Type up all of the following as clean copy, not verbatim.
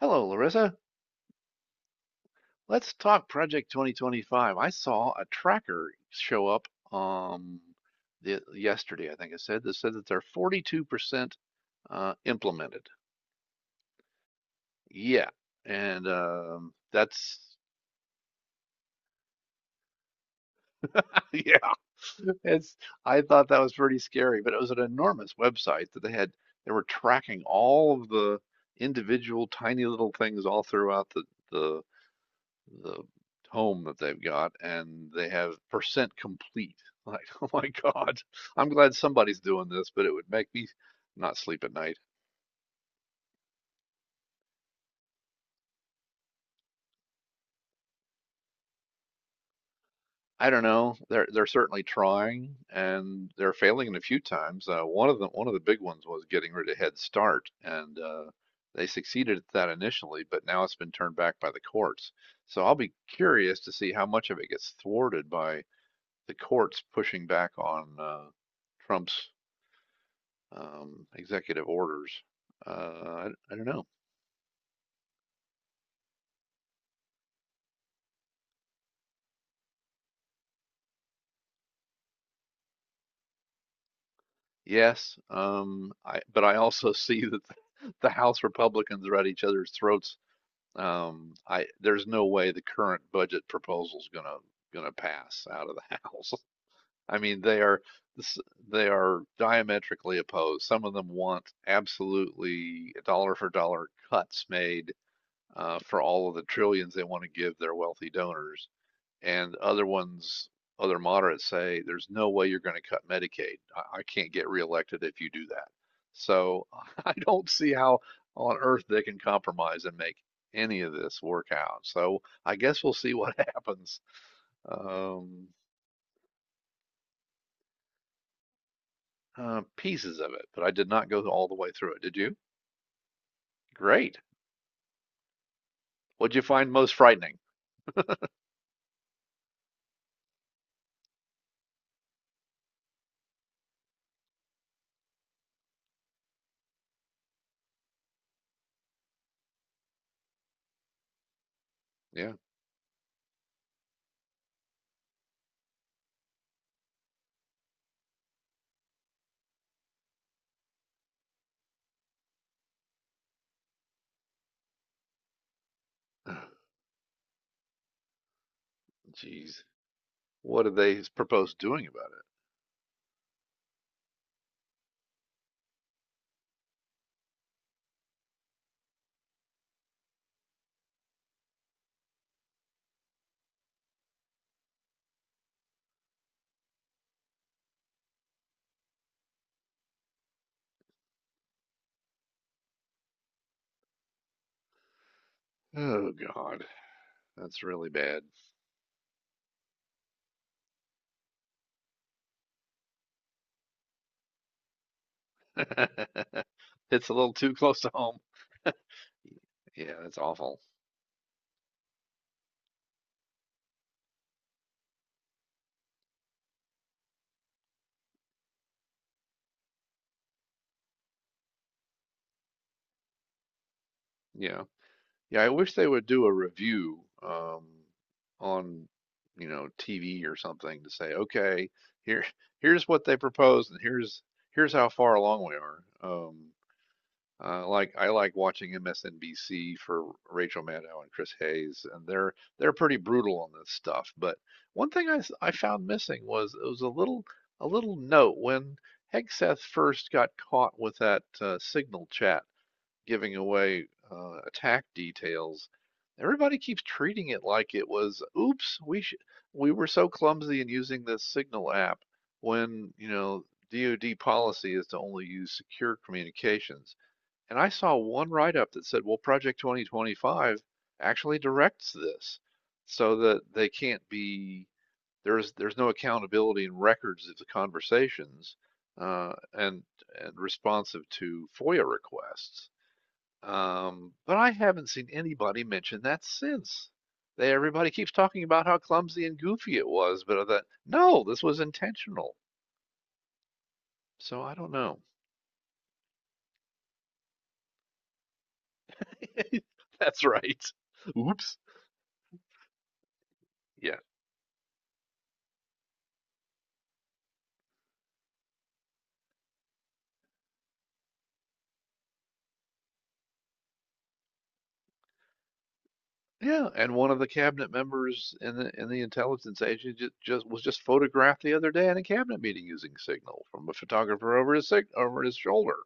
Hello, Larissa. Let's talk Project 2025. I saw a tracker show up um the, yesterday, I think I said that they're 42% implemented. Yeah, and that's yeah, it's I thought that was pretty scary, but it was an enormous website that they had. They were tracking all of the individual tiny little things all throughout the the the home that they've got and they have percent complete. Like, oh my God, I'm glad somebody's doing this, but it would make me not sleep at night. I don't know. They're certainly trying and they're failing a few times. One of the big ones was getting rid of Head Start and they succeeded at that initially, but now it's been turned back by the courts. So I'll be curious to see how much of it gets thwarted by the courts pushing back on Trump's executive orders. I don't know. Yes, but I also see that the House Republicans are at each other's throats. There's no way the current budget proposal's gonna pass out of the House. I mean, they are diametrically opposed. Some of them want absolutely dollar for dollar cuts made for all of the trillions they want to give their wealthy donors. And other ones, other moderates say, there's no way you're gonna cut Medicaid. I can't get reelected if you do that. So I don't see how on earth they can compromise and make any of this work out. So I guess we'll see what happens. Um, pieces of it, but I did not go all the way through it. Did you? Great. What'd you find most frightening? Yeah. Jeez. What do they propose doing about it? Oh God, that's really bad. It's a little too close to home. Yeah, that's awful. Yeah. Yeah, I wish they would do a review on, you know, TV or something to say, okay, here here's what they proposed and here's how far along we are. Like I like watching MSNBC for Rachel Maddow and Chris Hayes, and they're pretty brutal on this stuff. But one thing I found missing was it was a little note when Hegseth first got caught with that Signal chat giving away attack details, everybody keeps treating it like it was, oops, we were so clumsy in using this Signal app when, you know, DoD policy is to only use secure communications. And I saw one write-up that said, well, Project 2025 actually directs this so that they can't be, there's no accountability in records of the conversations uh, and and responsive to FOIA requests. But I haven't seen anybody mention that since. Everybody keeps talking about how clumsy and goofy it was, but I thought, no, this was intentional. So I don't know. That's right. Oops. Yeah. Yeah, and one of the cabinet members in the intelligence agency just was just photographed the other day in a cabinet meeting using Signal from a photographer over his shoulder.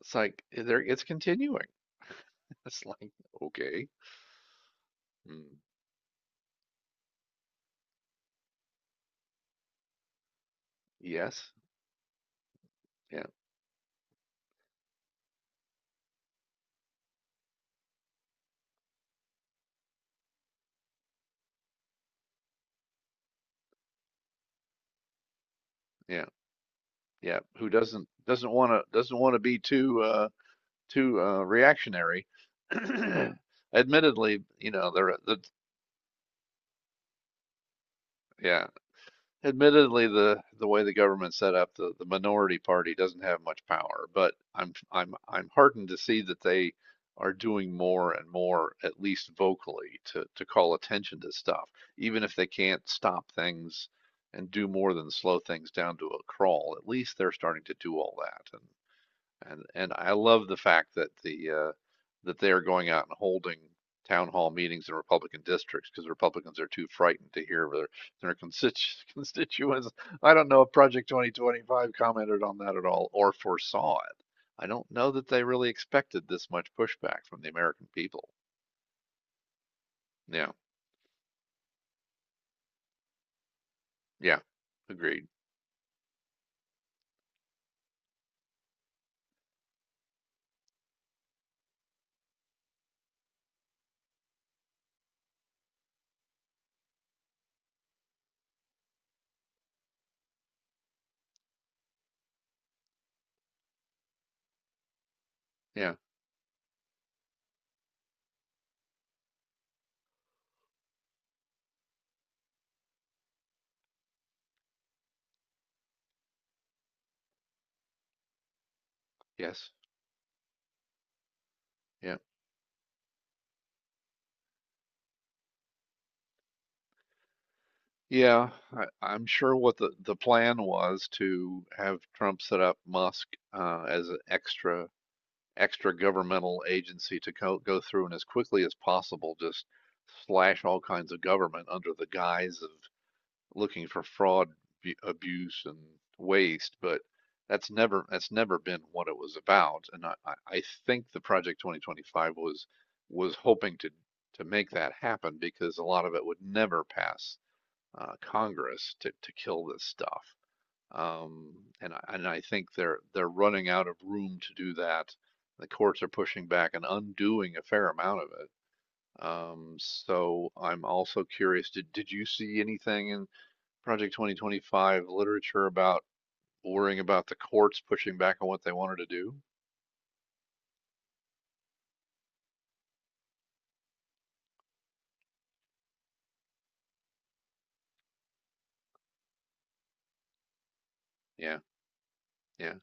It's like eh, there it's continuing. It's like okay, mm, yes, yeah, yeah. Yeah, who doesn't want to be too too reactionary. Admittedly, you know, there the yeah, admittedly the way the government's set up, the minority party doesn't have much power, but I'm heartened to see that they are doing more and more, at least vocally, to call attention to stuff, even if they can't stop things and do more than slow things down to a crawl. At least they're starting to do all that, and and I love the fact that the that they are going out and holding town hall meetings in Republican districts because Republicans are too frightened to hear their their constituents. I don't know if Project 2025 commented on that at all or foresaw it. I don't know that they really expected this much pushback from the American people. Yeah, yeah, agreed. Yeah, yes, yeah. Yeah, I'm sure what the plan was to have Trump set up Musk as an extra extra governmental agency to go through and as quickly as possible just slash all kinds of government under the guise of looking for fraud, abuse, and waste. But that's never been what it was about. And I think the Project 2025 was hoping to make that happen because a lot of it would never pass Congress to kill this stuff. Um, and I, and I think they're running out of room to do that. The courts are pushing back and undoing a fair amount of it. So I'm also curious, did you see anything in Project 2025 literature about worrying about the courts pushing back on what they wanted to do? Yeah, yeah,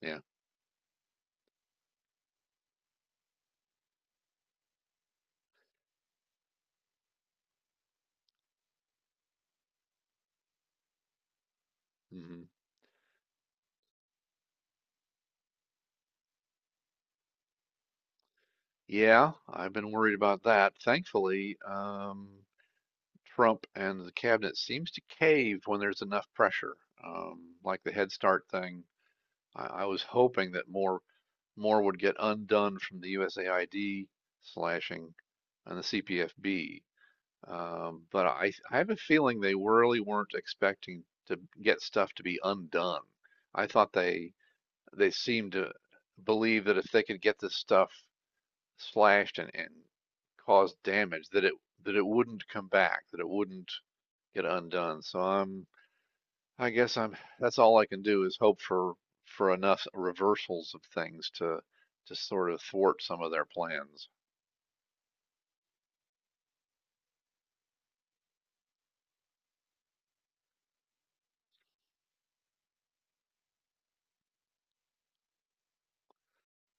yeah. Hmm. Yeah, I've been worried about that. Thankfully, Trump and the cabinet seems to cave when there's enough pressure, like the Head Start thing I was hoping that more, more would get undone from the USAID slashing and the CPFB. But I have a feeling they really weren't expecting to get stuff to be undone. I thought they seemed to believe that if they could get this stuff slashed and cause damage, that it wouldn't come back, that it wouldn't get undone. So I guess that's all I can do is hope for enough reversals of things to sort of thwart some of their plans.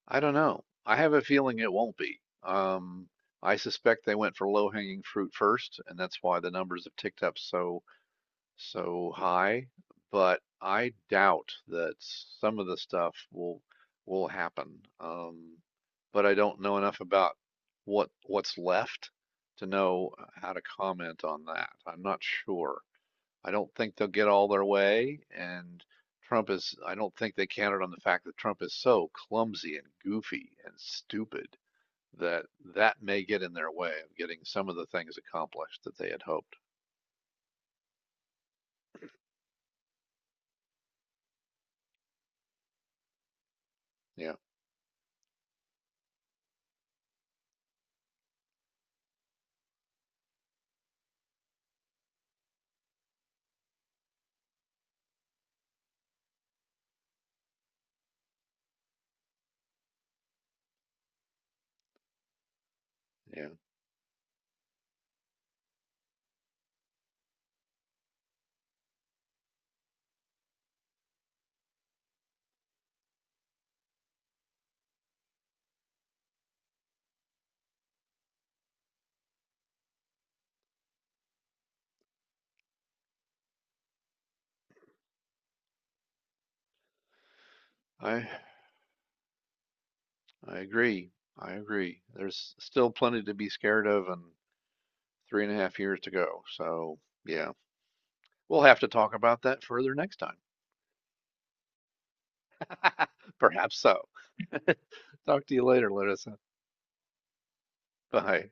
I don't know. I have a feeling it won't be. I suspect they went for low hanging fruit first, and that's why the numbers have ticked up so high, but I doubt that some of the stuff will happen. But I don't know enough about what's left to know how to comment on that. I'm not sure. I don't think they'll get all their way, and I don't think they counted on the fact that Trump is so clumsy and goofy and stupid that that may get in their way of getting some of the things accomplished that they had hoped. Yeah, yeah. I I agree. I agree. There's still plenty to be scared of and 3.5 years to go. So, yeah, we'll have to talk about that further next time. Perhaps so. Talk to you later, Larissa. Bye.